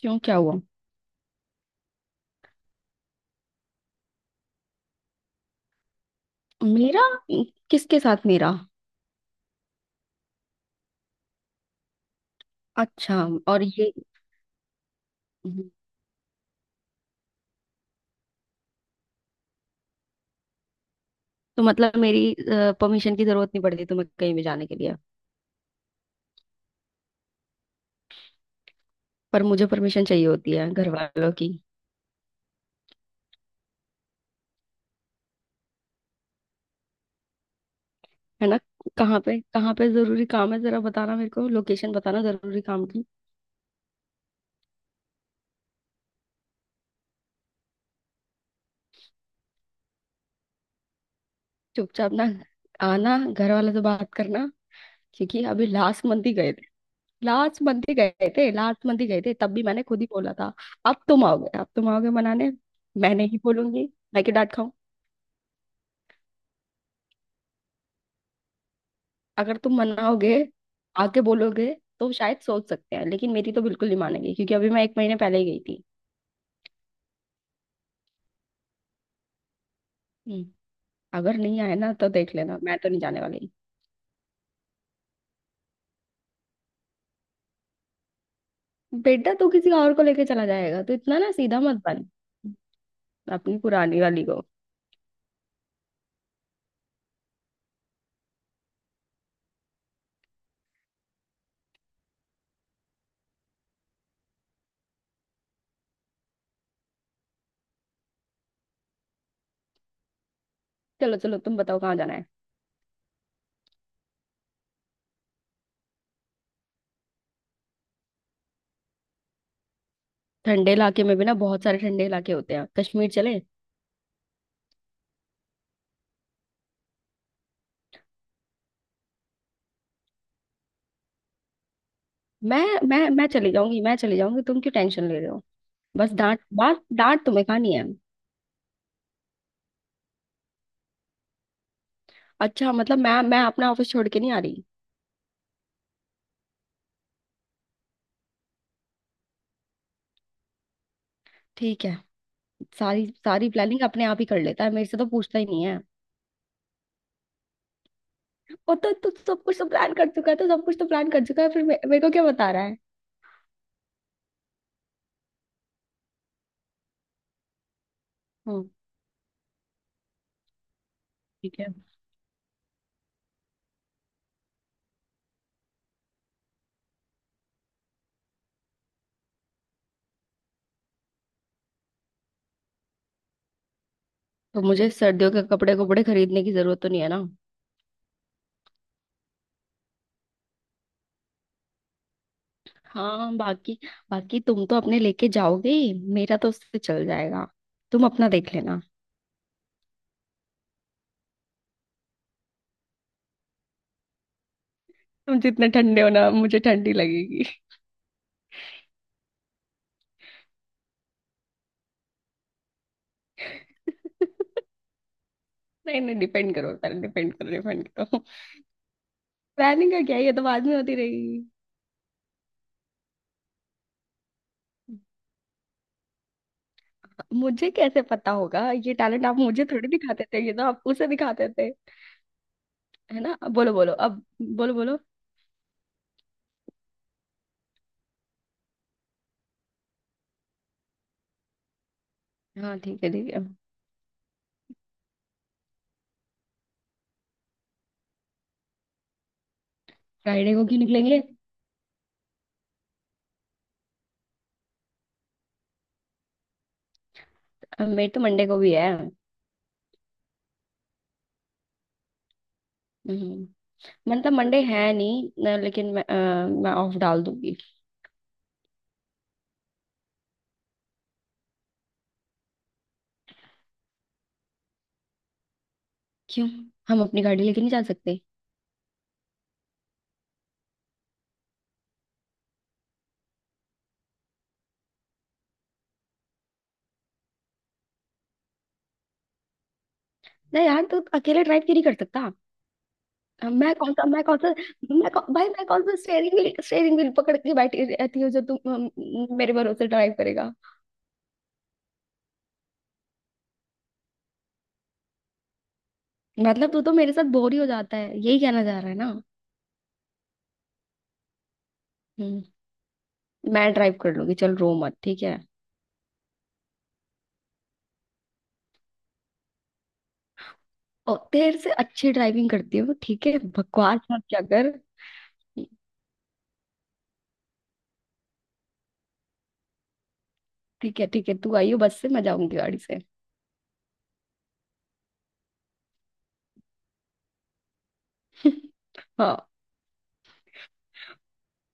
क्यों? क्या हुआ? मेरा किसके साथ? मेरा? अच्छा। और ये। तो मतलब मेरी परमिशन की जरूरत नहीं पड़ती तुम्हें कहीं भी जाने के लिए? पर मुझे परमिशन चाहिए होती है घर वालों की। है ना? कहाँ पे जरूरी काम है, जरा बताना, मेरे को लोकेशन बताना जरूरी काम की। चुपचाप ना आना, घर वालों से बात करना, क्योंकि अभी लास्ट मंथ ही गए थे। लास्ट मंथ ही गए थे, लास्ट मंथ ही गए थे, तब भी मैंने खुद ही बोला था। अब तुम आओगे, अब तुम आओगे मनाने? मैं नहीं बोलूंगी। मैं क्यों डांट। अगर तुम मनाओगे, आके बोलोगे, तो शायद सोच सकते हैं, लेकिन मेरी तो बिल्कुल नहीं मानेगी क्योंकि अभी मैं एक महीने पहले ही गई थी। हम्म। अगर नहीं आए ना तो देख लेना, मैं तो नहीं जाने वाली। बेटा तू किसी और को लेके चला जाएगा, तो इतना ना सीधा मत बन। अपनी पुरानी वाली को। चलो चलो, तुम बताओ कहाँ जाना है। ठंडे इलाके में भी ना बहुत सारे ठंडे इलाके होते हैं। कश्मीर चले? मैं मैं चली जाऊंगी। तुम क्यों टेंशन ले रहे हो? बस डांट डांट डांट तुम्हें खानी है। अच्छा मतलब मैं अपना ऑफिस छोड़ के नहीं आ रही। ठीक है। सारी सारी प्लानिंग अपने आप ही कर लेता है, मेरे से तो पूछता ही नहीं है। और तो सब कुछ तो प्लान कर चुका है, तो सब कुछ तो प्लान कर चुका है, फिर मेरे को क्या बता रहा है? हम्म। ठीक है। तो मुझे सर्दियों के कपड़े कपड़े खरीदने की जरूरत तो नहीं है ना? हाँ बाकी, बाकी तुम तो अपने लेके जाओगे ही, मेरा तो उससे चल जाएगा। तुम अपना देख लेना। तुम जितने ठंडे हो ना, मुझे ठंडी लगेगी। नहीं नहीं, डिपेंड करो, पहले डिपेंड करो, डिपेंड करो। प्लानिंग का क्या है, ये तो बाद में होती रहेगी। मुझे कैसे पता होगा? ये टैलेंट आप मुझे थोड़ी दिखाते थे, ये तो आप उसे दिखाते थे। है ना? अब बोलो बोलो अब, बोलो बोलो। हाँ ठीक है, ठीक है। फ्राइडे को क्यों निकलेंगे? अब मेरे तो मंडे को भी है। हम्म। मतलब मंडे है नहीं न, लेकिन मैं ऑफ डाल दूंगी। क्यों? हम अपनी गाड़ी लेके नहीं जा सकते? नहीं यार, तू अकेले ड्राइव क्यों नहीं कर सकता? मैं कौन सा मैं कौन सा मैं कौ, भाई मैं कौन सा स्टेयरिंग व्हील, स्टेयरिंग व्हील पकड़ के बैठी रहती हूँ जो तू मेरे भरोसे ड्राइव करेगा? मतलब तू तो मेरे साथ बोर ही हो जाता है, यही कहना चाह रहा है ना? हम्म। मैं ड्राइव कर लूंगी, चल रो मत, ठीक है? और तेरे से अच्छी ड्राइविंग करती है वो, ठीक है बकवास मत क्या कर। ठीक है ठीक है, तू आई हो बस से, मैं जाऊंगी गाड़ी से। हाँ।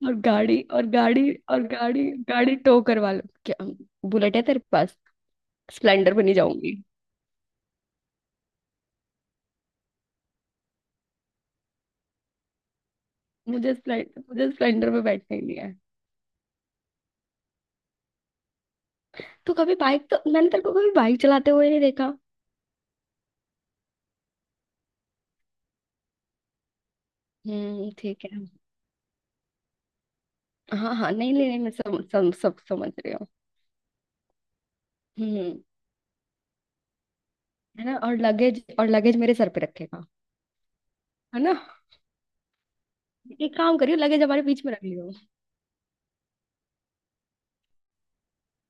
और गाड़ी, और गाड़ी, और गाड़ी, गाड़ी टो करवा लो क्या? बुलेट है तेरे पास? स्प्लेंडर पे नहीं जाऊंगी। मुझे स्प्लेंडर पे बैठना ही नहीं है। तो कभी बाइक, तो मैंने तेरे को कभी बाइक चलाते हुए नहीं देखा। ठीक है। हाँ हाँ, नहीं नहीं नहीं, मैं सम, सम, सब समझ रही हूँ। हम्म। है ना, और लगेज, और लगेज मेरे सर पे रखेगा? है ना। एक काम करियो, लगेज हमारे बीच में रख लियो।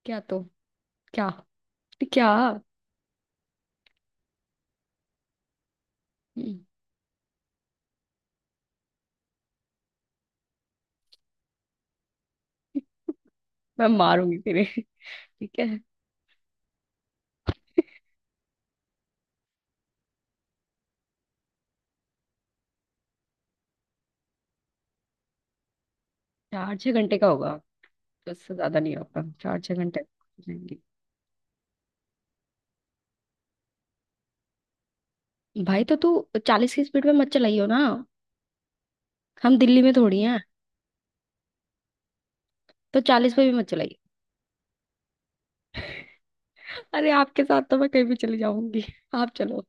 क्या तो? क्या तो? क्या? हम्म। मैं मारूंगी तेरे। ठीक है। 4 6 घंटे का होगा। बस से ज्यादा नहीं होगा, 4 6 घंटे हो जाएंगे। भाई तो तू 40 की स्पीड में मत चलाइयो ना। हम दिल्ली में थोड़ी हैं। तो 40 पे भी मत चलाइए। अरे आपके साथ तो मैं कहीं भी चली जाऊंगी। आप चलो।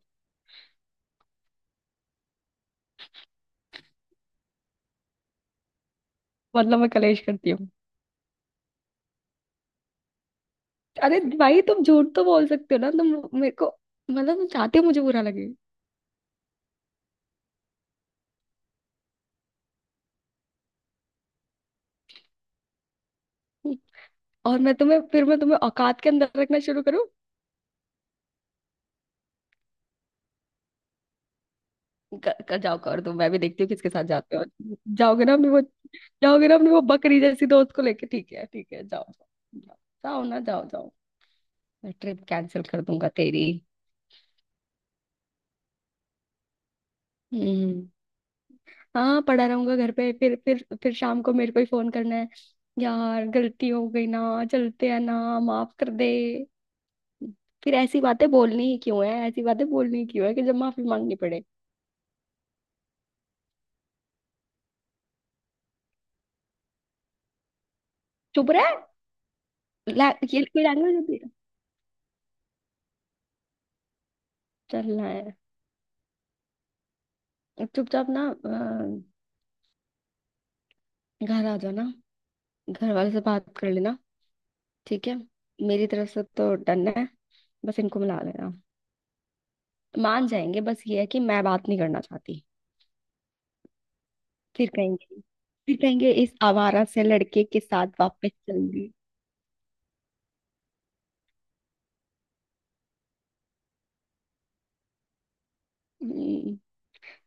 मतलब मैं कलेश करती हूँ? अरे भाई, तुम झूठ तो बोल सकते हो ना तुम मेरे को। मतलब तुम चाहते हो मुझे बुरा लगे? और मैं तुम्हें, फिर मैं तुम्हें औकात के अंदर रखना शुरू करूँ? कर जाओ, कर दो, मैं भी देखती हूँ किसके साथ जाते हो। जाओगे ना अपने वो, जाओगे ना अपने वो बकरी जैसी दोस्त को लेके, ठीक है ठीक है, जाओ जाओ। जाओ ना, जाओ जाओ। मैं ट्रिप कैंसिल कर दूंगा तेरी। हम्म। हाँ पड़ा रहूंगा घर पे, फिर फिर शाम को मेरे को ही फोन करना है, यार गलती हो गई ना, चलते हैं ना, माफ कर दे। फिर ऐसी बातें बोलनी ही क्यों है, ऐसी बातें बोलनी ही क्यों है कि जब माफी मांगनी पड़े? चुप रहा है? ये कोई लैंग्वेज होती है? चलना है। चुपचाप ना घर आ जाना, घर वाले से बात कर लेना, ठीक है। मेरी तरफ से तो डन है, बस इनको मिला लेना, मान जाएंगे, बस ये है कि मैं बात नहीं करना चाहती। फिर कहेंगे, फिर कहेंगे इस आवारा से लड़के के साथ वापस चल गई। हम्म।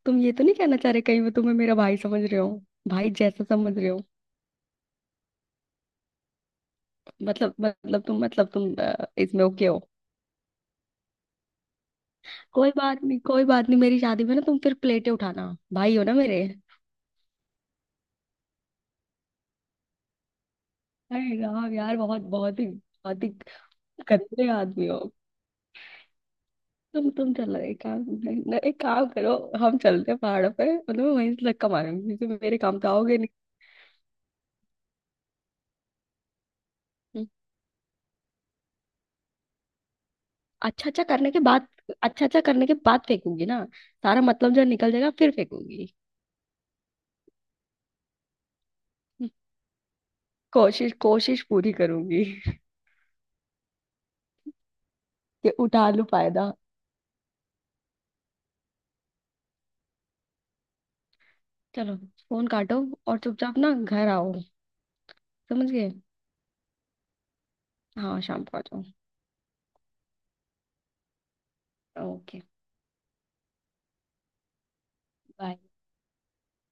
तुम ये तो नहीं कहना चाह रहे कहीं, वो तुम्हें मेरा भाई समझ रहे हो? भाई जैसा समझ रहे हो? मतलब तुम इसमें ओके हो? कोई बात नहीं, कोई बात नहीं, मेरी शादी में ना तुम फिर प्लेटें उठाना। भाई हो ना मेरे। अरे यार यार, बहुत बहुत ही, बहुत ही गंदे आदमी हो। तुम चलो एक काम, नहीं, नहीं, एक काम करो। हम चलते हैं पहाड़ों पे, मतलब मैं वहीं से धक्का मारूंगी क्योंकि मेरे काम तो आओगे नहीं। हम्म। अच्छा अच्छा करने के बाद। अच्छा अच्छा करने के बाद फेंकूंगी ना? सारा मतलब जो निकल जाएगा फिर फेंकूंगी। हम्म। कोशिश कोशिश पूरी करूंगी कि उठा लूं फायदा। चलो, फोन काटो, और चुपचाप ना घर आओ। समझ गए? हाँ शाम को आ जाओ। Okay bye.